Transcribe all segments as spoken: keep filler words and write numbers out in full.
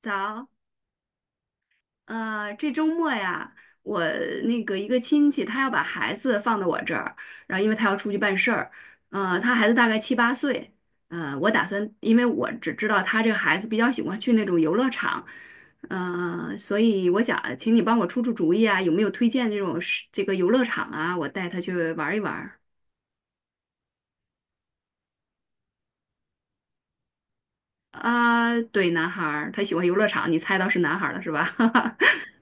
早，呃，这周末呀，我那个一个亲戚，他要把孩子放到我这儿，然后因为他要出去办事儿，呃，他孩子大概七八岁，呃，我打算，因为我只知道他这个孩子比较喜欢去那种游乐场，呃，所以我想请你帮我出出主意啊，有没有推荐这种是这个游乐场啊，我带他去玩一玩儿。啊，对，男孩儿，他喜欢游乐场，你猜到是男孩儿了是吧？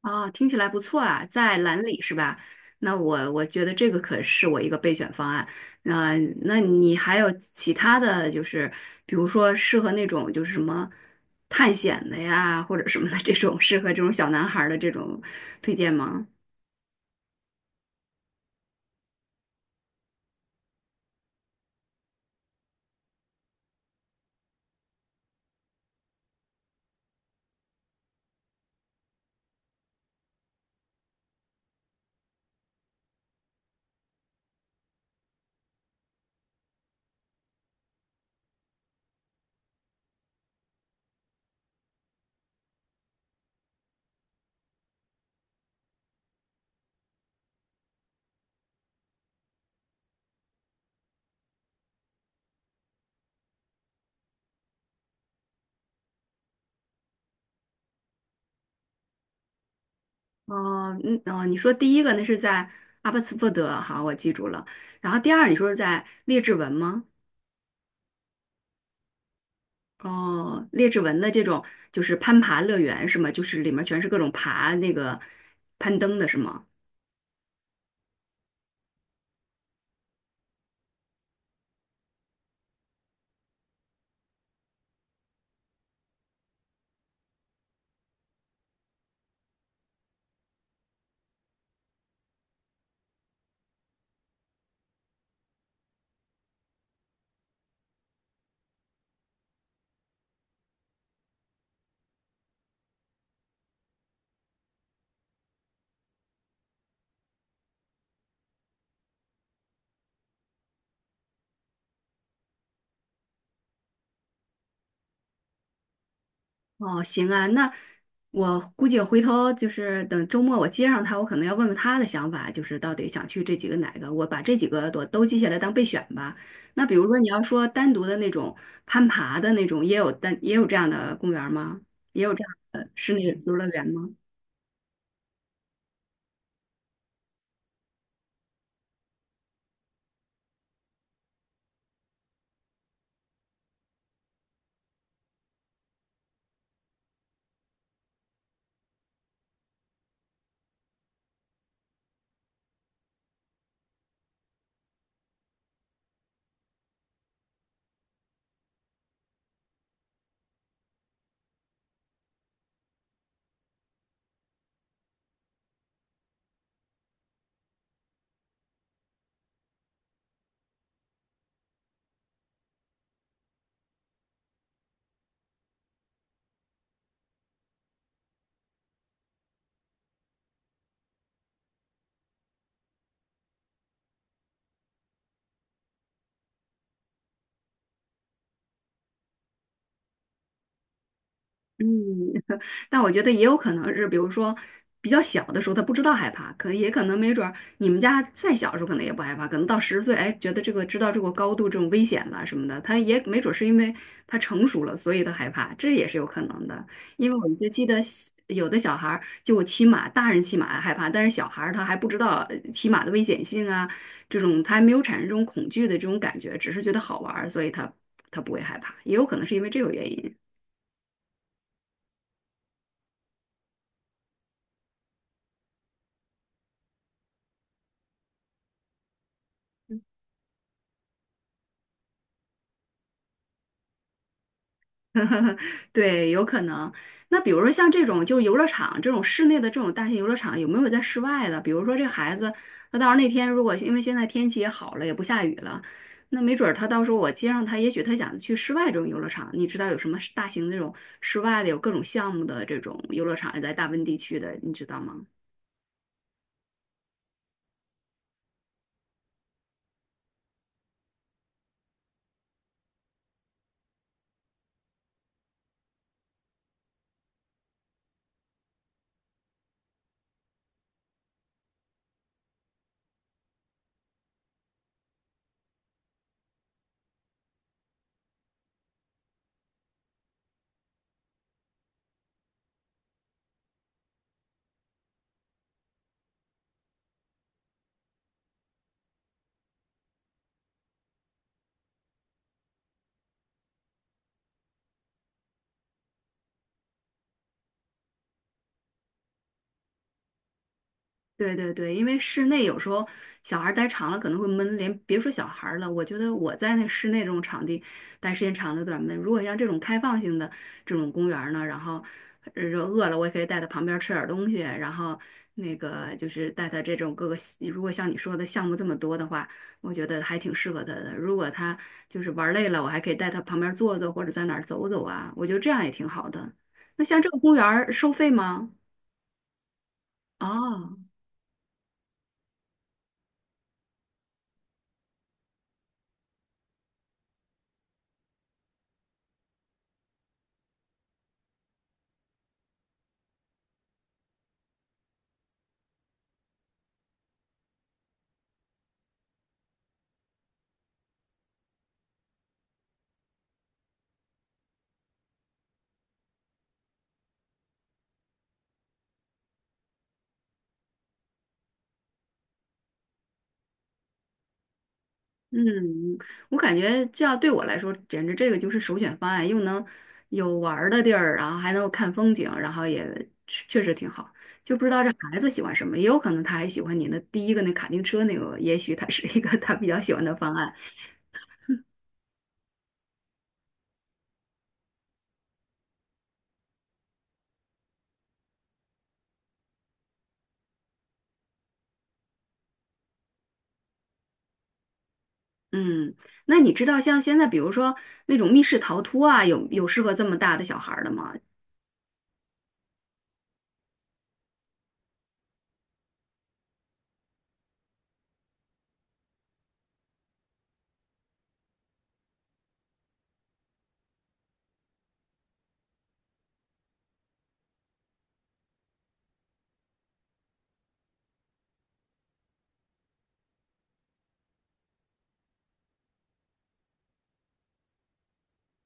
啊，听起来不错啊，在兰里是吧？那我我觉得这个可是我一个备选方案。那、那你还有其他的就是，比如说适合那种就是什么探险的呀，或者什么的这种适合这种小男孩儿的这种推荐吗？哦，嗯，哦，你说第一个那是在阿巴斯福德，好，我记住了。然后第二你说是在列治文吗？哦，列治文的这种就是攀爬乐园是吗？就是里面全是各种爬那个攀登的是吗？哦，行啊，那我估计回头就是等周末我接上他，我可能要问问他的想法，就是到底想去这几个哪个，我把这几个都都记下来当备选吧。那比如说你要说单独的那种攀爬的那种，也有单也有这样的公园吗？也有这样的室内游乐园吗？嗯，但我觉得也有可能是，比如说比较小的时候他不知道害怕，可也可能没准儿你们家再小的时候可能也不害怕，可能到十岁，哎，觉得这个知道这个高度这种危险了什么的，他也没准儿是因为他成熟了，所以他害怕，这也是有可能的。因为我就记得小有的小孩儿就骑马，大人骑马害怕，但是小孩儿他还不知道呃骑马的危险性啊，这种他还没有产生这种恐惧的这种感觉，只是觉得好玩儿，所以他他不会害怕，也有可能是因为这个原因。对，有可能。那比如说像这种就是游乐场这种室内的这种大型游乐场，有没有在室外的？比如说这孩子，他到时候那天如果因为现在天气也好了，也不下雨了，那没准儿他到时候我接上他，也许他想去室外这种游乐场。你知道有什么大型的这种室外的，有各种项目的这种游乐场，也在大温地区的，你知道吗？对对对，因为室内有时候小孩儿待长了可能会闷，连别说小孩儿了，我觉得我在那室内这种场地待时间长了有点儿闷。如果像这种开放性的这种公园儿呢，然后呃饿了我也可以带他旁边儿吃点儿东西，然后那个就是带他这种各个，如果像你说的项目这么多的话，我觉得还挺适合他的。如果他就是玩儿累了，我还可以带他旁边儿坐坐或者在哪儿走走啊，我觉得这样也挺好的。那像这个公园儿收费吗？哦。嗯，我感觉这样对我来说，简直这个就是首选方案，又能有玩儿的地儿，然后还能够看风景，然后也确确实挺好。就不知道这孩子喜欢什么，也有可能他还喜欢你的第一个那卡丁车那个，也许他是一个他比较喜欢的方案。嗯，那你知道像现在比如说那种密室逃脱啊，有有适合这么大的小孩儿的吗？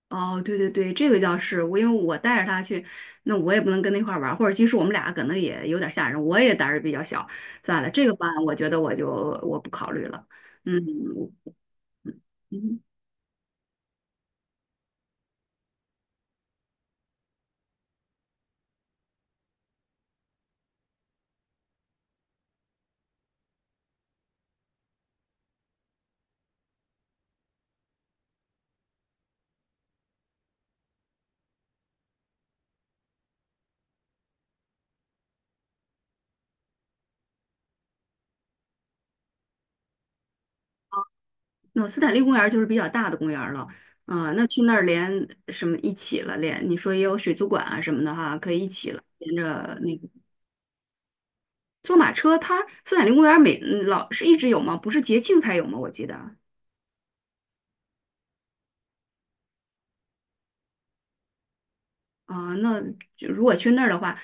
哦，对对对，这个倒是我，因为我带着他去，那我也不能跟他一块儿玩儿，或者其实我们俩可能也有点儿吓人，我也胆儿比较小，算了，这个班我觉得我就我不考虑了。嗯嗯，那斯坦利公园儿就是比较大的公园儿了，啊、那去那儿连什么一起了，连你说也有水族馆啊什么的哈，可以一起了，连着那个坐马车它，斯坦利公园儿每嗯老是一直有吗？不是节庆才有吗？我记得。啊，那就如果去那儿的话，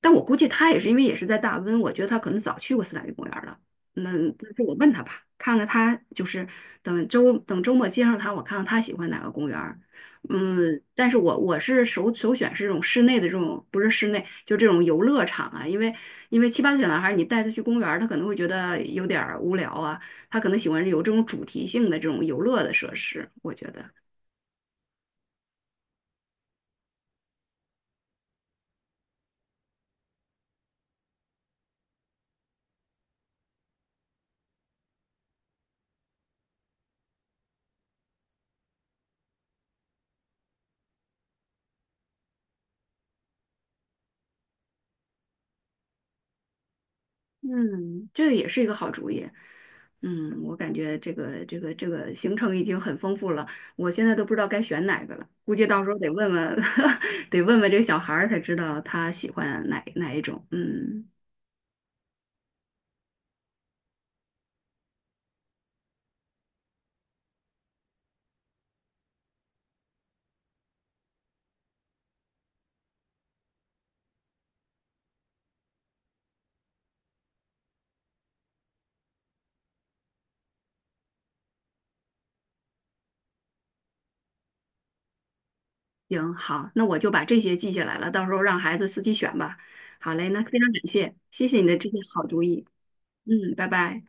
但我估计他也是因为也是在大温，我觉得他可能早去过斯坦利公园了。那这这我问他吧，看看他就是等周等周末接上他，我看看他喜欢哪个公园儿。嗯，但是我我是首首选是这种室内的这种，不是室内，就这种游乐场啊，因为因为七八岁小男孩儿，你带他去公园儿，他可能会觉得有点儿无聊啊，他可能喜欢有这种主题性的这种游乐的设施，我觉得。嗯，这个也是一个好主意。嗯，我感觉这个这个这个行程已经很丰富了，我现在都不知道该选哪个了，估计到时候得问问，得问问这个小孩儿才知道他喜欢哪哪一种。嗯，行，好，那我就把这些记下来了，到时候让孩子自己选吧。好嘞，那非常感谢，谢谢你的这些好主意。嗯，拜拜。